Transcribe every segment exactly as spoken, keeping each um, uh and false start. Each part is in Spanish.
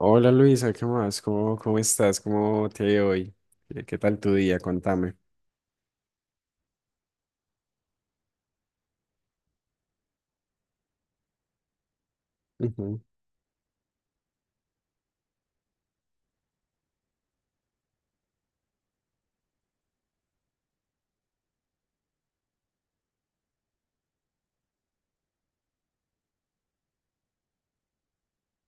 Hola Luisa, ¿qué más? ¿Cómo, cómo estás? ¿Cómo te ha ido hoy? ¿Qué, qué tal tu día? Contame. Ujú.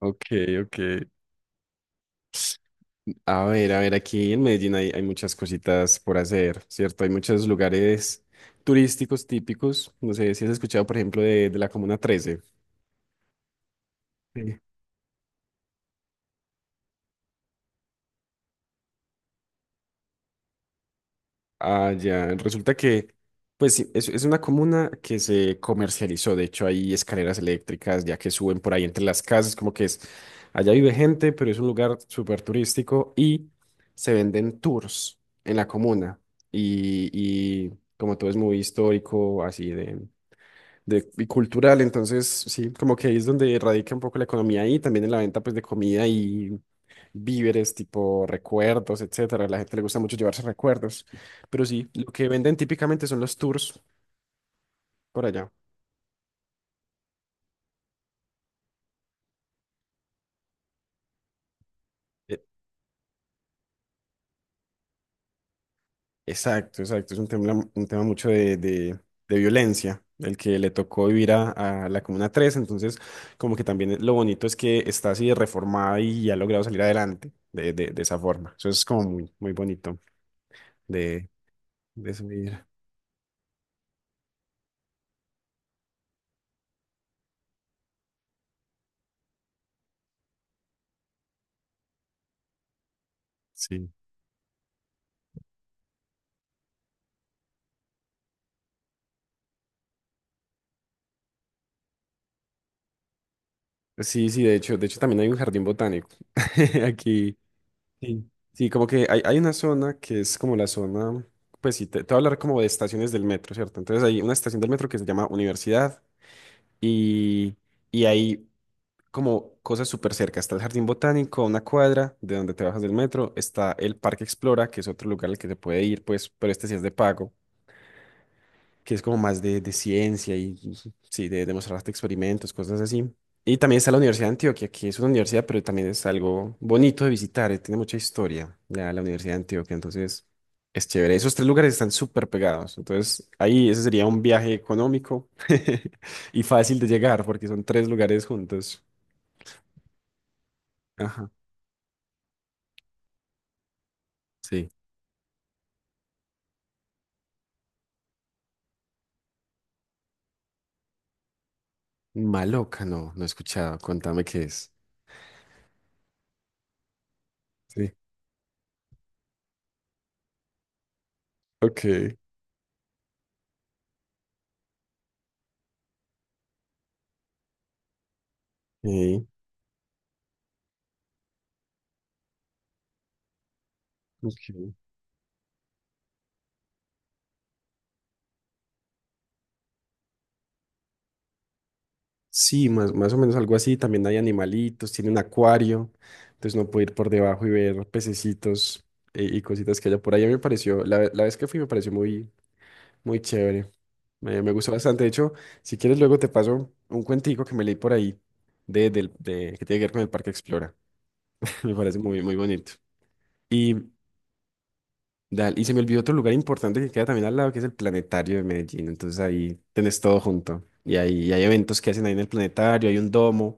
Ok, ok. A ver, a ver, aquí en Medellín hay, hay muchas cositas por hacer, ¿cierto? Hay muchos lugares turísticos típicos. No sé si has escuchado, por ejemplo, de, de la Comuna Trece. Sí. Ah, ya. Resulta que, pues sí, es, es una comuna que se comercializó. De hecho, hay escaleras eléctricas ya que suben por ahí entre las casas, como que es, allá vive gente, pero es un lugar súper turístico y se venden tours en la comuna. Y, y como todo es muy histórico, así de, de- y cultural. Entonces, sí, como que ahí es donde radica un poco la economía y también en la venta pues de comida y víveres, tipo recuerdos, etcétera. A la gente le gusta mucho llevarse recuerdos. Pero sí, lo que venden típicamente son los tours por allá. E- Exacto, exacto. Es un tema, un tema mucho de, de- de violencia, el que le tocó vivir a, a la Comuna tres. Entonces, como que también lo bonito es que está así de reformada y ha logrado salir adelante de, de- de esa forma. Eso es como muy, muy bonito de, de subir. Sí. Sí, sí, de hecho, de hecho también hay un jardín botánico. Aquí, sí, sí, como que hay, hay una zona que es como la zona, pues sí, te, te voy a hablar como de estaciones del metro, ¿cierto? Entonces hay una estación del metro que se llama Universidad y, y hay como cosas súper cerca. Está el jardín botánico, a una cuadra de donde te bajas del metro, está el Parque Explora, que es otro lugar al que se puede ir, pues, pero este sí es de pago. Que es como más de, de ciencia y sí, de demostrar hasta experimentos, cosas así. Y también está la Universidad de Antioquia, que es una universidad, pero también es algo bonito de visitar, eh, tiene mucha historia la, la Universidad de Antioquia, entonces es chévere. Esos tres lugares están súper pegados, entonces ahí ese sería un viaje económico y fácil de llegar porque son tres lugares juntos. Ajá, sí. Maloca, no, no he escuchado, contame qué es. Sí. Ok. Sí. Ok. Sí, más, más o menos algo así. También hay animalitos, tiene un acuario, entonces no puede ir por debajo y ver pececitos eh, y, cositas que haya por ahí. A mí me pareció, la, ve- la vez que fui me pareció muy, muy chévere. Me, me gustó bastante. De hecho, si quieres luego te paso un cuentico que me leí por ahí de, del- de- que tiene que ver con el Parque Explora. Me parece muy, muy bonito. Dale, y se me olvidó otro lugar importante que queda también al lado, que es el Planetario de Medellín. Entonces ahí tenés todo junto. Y ahí y hay eventos que hacen ahí en el Planetario, hay un domo,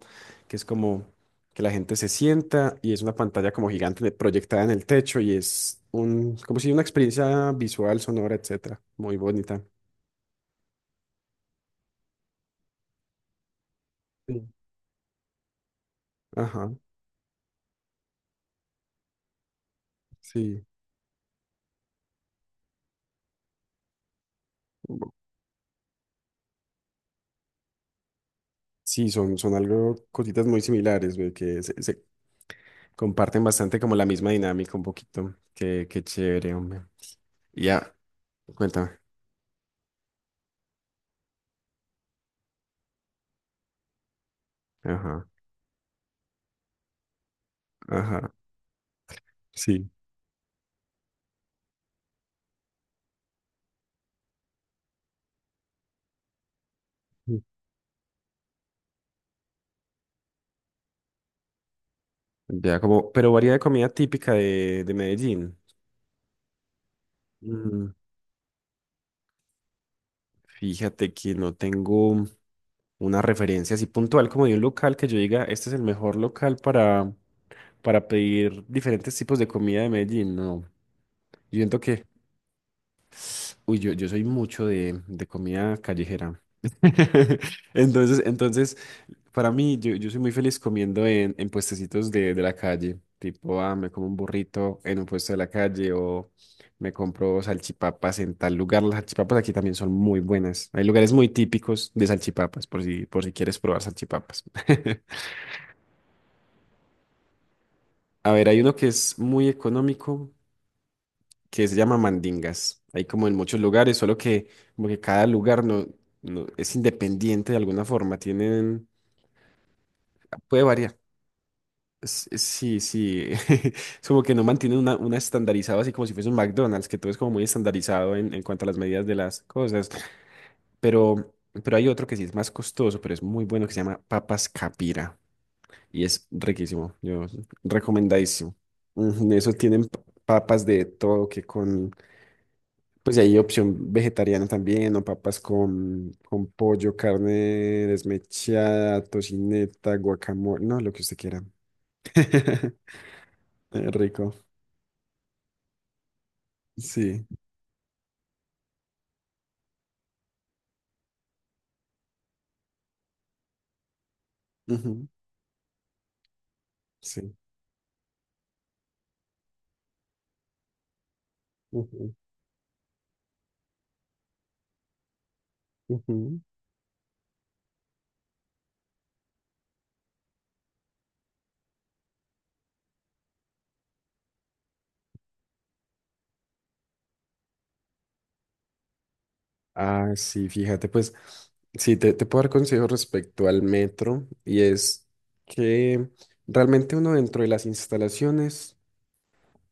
que es como que la gente se sienta y es una pantalla como gigante de- proyectada en el techo y es un, como si una experiencia visual, sonora, etcétera. Muy bonita. Sí. Ajá, sí. Sí, son, son algo, cositas muy similares, güey, que se, se comparten bastante como la misma dinámica un poquito. Qué, qué chévere, hombre. Y ya, cuéntame. Ajá. Ajá, sí. Ya como, pero varía de comida típica de, de Medellín. Mm, Fíjate que no tengo una referencia así puntual como de un local que yo diga, este es el mejor local para, para pedir diferentes tipos de comida de Medellín. No, yo siento que, uy, yo, yo soy mucho de, de comida callejera. Entonces, entonces para mí, yo, yo soy muy feliz comiendo en, en puestecitos de, de la calle. Tipo, ah, me como un burrito en un puesto de la calle o me compro salchipapas en tal lugar. Las salchipapas aquí también son muy buenas. Hay lugares muy típicos de salchipapas, por si, por si quieres probar salchipapas. A ver, hay uno que es muy económico, que se llama mandingas. Hay como en muchos lugares, solo que como que cada lugar no, no- es independiente de alguna forma. Tienen, puede variar. S- eh, Sí, sí. Es como que no mantienen una, una estandarizada así como si fuese un McDonald's, que todo es como muy estandarizado en, en cuanto a las medidas de las cosas. Pero, pero hay otro que sí es más costoso, pero es muy bueno, que se llama Papas Capira. Y es riquísimo. Yo, recomendadísimo. Ujú, eso tienen p- papas de todo, que con. Pues hay opción vegetariana también, o papas con, con pollo, carne desmechada, tocineta, guacamole, no, lo que usted quiera. Eh, Rico. Sí. Ujú, sí. Ujú, ujú. Ah, sí, fíjate, pues sí, te, te puedo dar consejo respecto al metro y es que realmente uno dentro de las instalaciones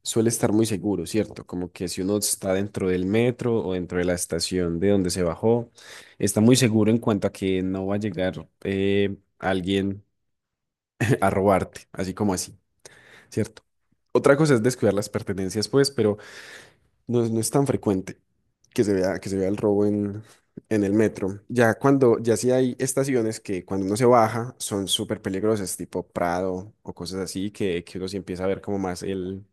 suele estar muy seguro, ¿cierto? Como que si uno está dentro del metro o dentro de la estación de donde se bajó, está muy seguro en cuanto a que no va a llegar eh, alguien a robarte, así como así, ¿cierto? Otra cosa es descuidar las pertenencias, pues, pero... No es, no es tan frecuente que se vea, que se vea el robo en, en el metro. Ya cuando, ya sí hay estaciones que cuando uno se baja son súper peligrosas, tipo Prado o cosas así, que, que uno sí empieza a ver como más el,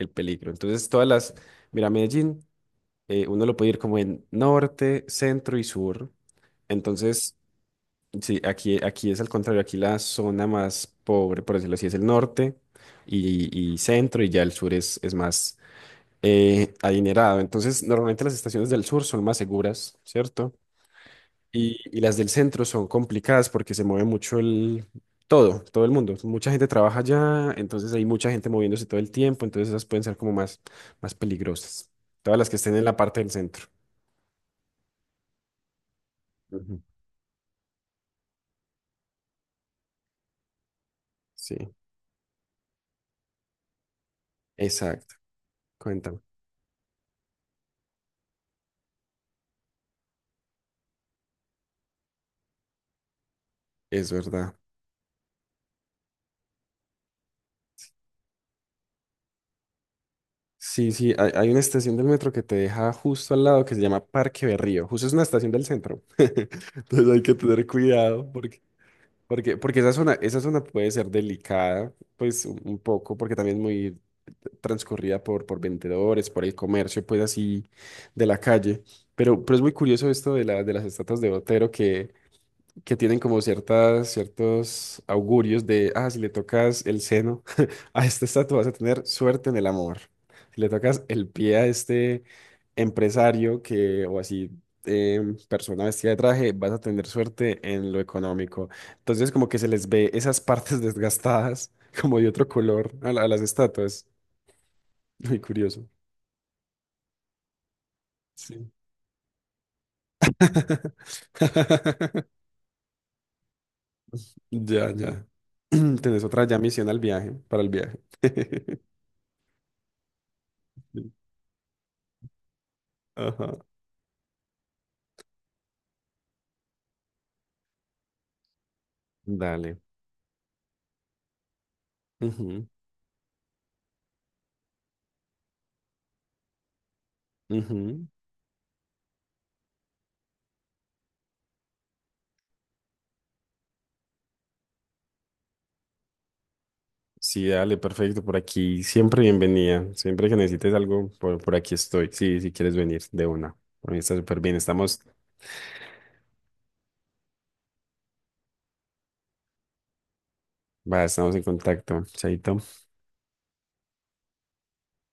el peligro. Entonces, todas las, mira, Medellín, eh, uno lo puede ir como en norte, centro y sur. Entonces, sí, aquí, aquí es al contrario, aquí la zona más pobre, por decirlo así, es el norte y, y centro, y ya el sur es, es más eh, adinerado. Entonces, normalmente las estaciones del sur son más seguras, ¿cierto? Y, y las del centro son complicadas porque se mueve mucho el... Todo, todo el mundo. Mucha gente trabaja allá, entonces hay mucha gente moviéndose todo el tiempo, entonces esas pueden ser como más, más peligrosas. Todas las que estén en la parte del centro. Ujú. Sí, exacto. Cuéntame. Es verdad. Sí, sí, hay, hay una estación del metro que te deja justo al lado que se llama Parque Berrío. Justo es una estación del centro. Entonces hay que tener cuidado. Porque, porque esa zona, esa zona puede ser delicada, pues un, un poco, porque también es muy transcurrida por, por vendedores, por el comercio, pues así de la calle. Pero, pero es muy curioso esto de la, de las estatuas de Botero, que que tienen como ciertas, ciertos augurios de, ah, si le tocas el seno a esta estatua vas a tener suerte en el amor. Si le tocas el pie a este empresario que, o así, em, persona vestida de traje, vas a tener suerte en lo económico. Entonces como que se les ve esas partes desgastadas como de otro color a, la- a las estatuas. Muy curioso. Sí. Ya, ya. Tenés otra ya misión al viaje, para el viaje. Ajá. Dale. Ujú, ujú. Sí, dale, perfecto. Por aquí siempre bienvenida. Siempre que necesites algo, por, por aquí estoy. Sí, si quieres venir de una. A mí está súper bien. Estamos, va, estamos en contacto. Chaito.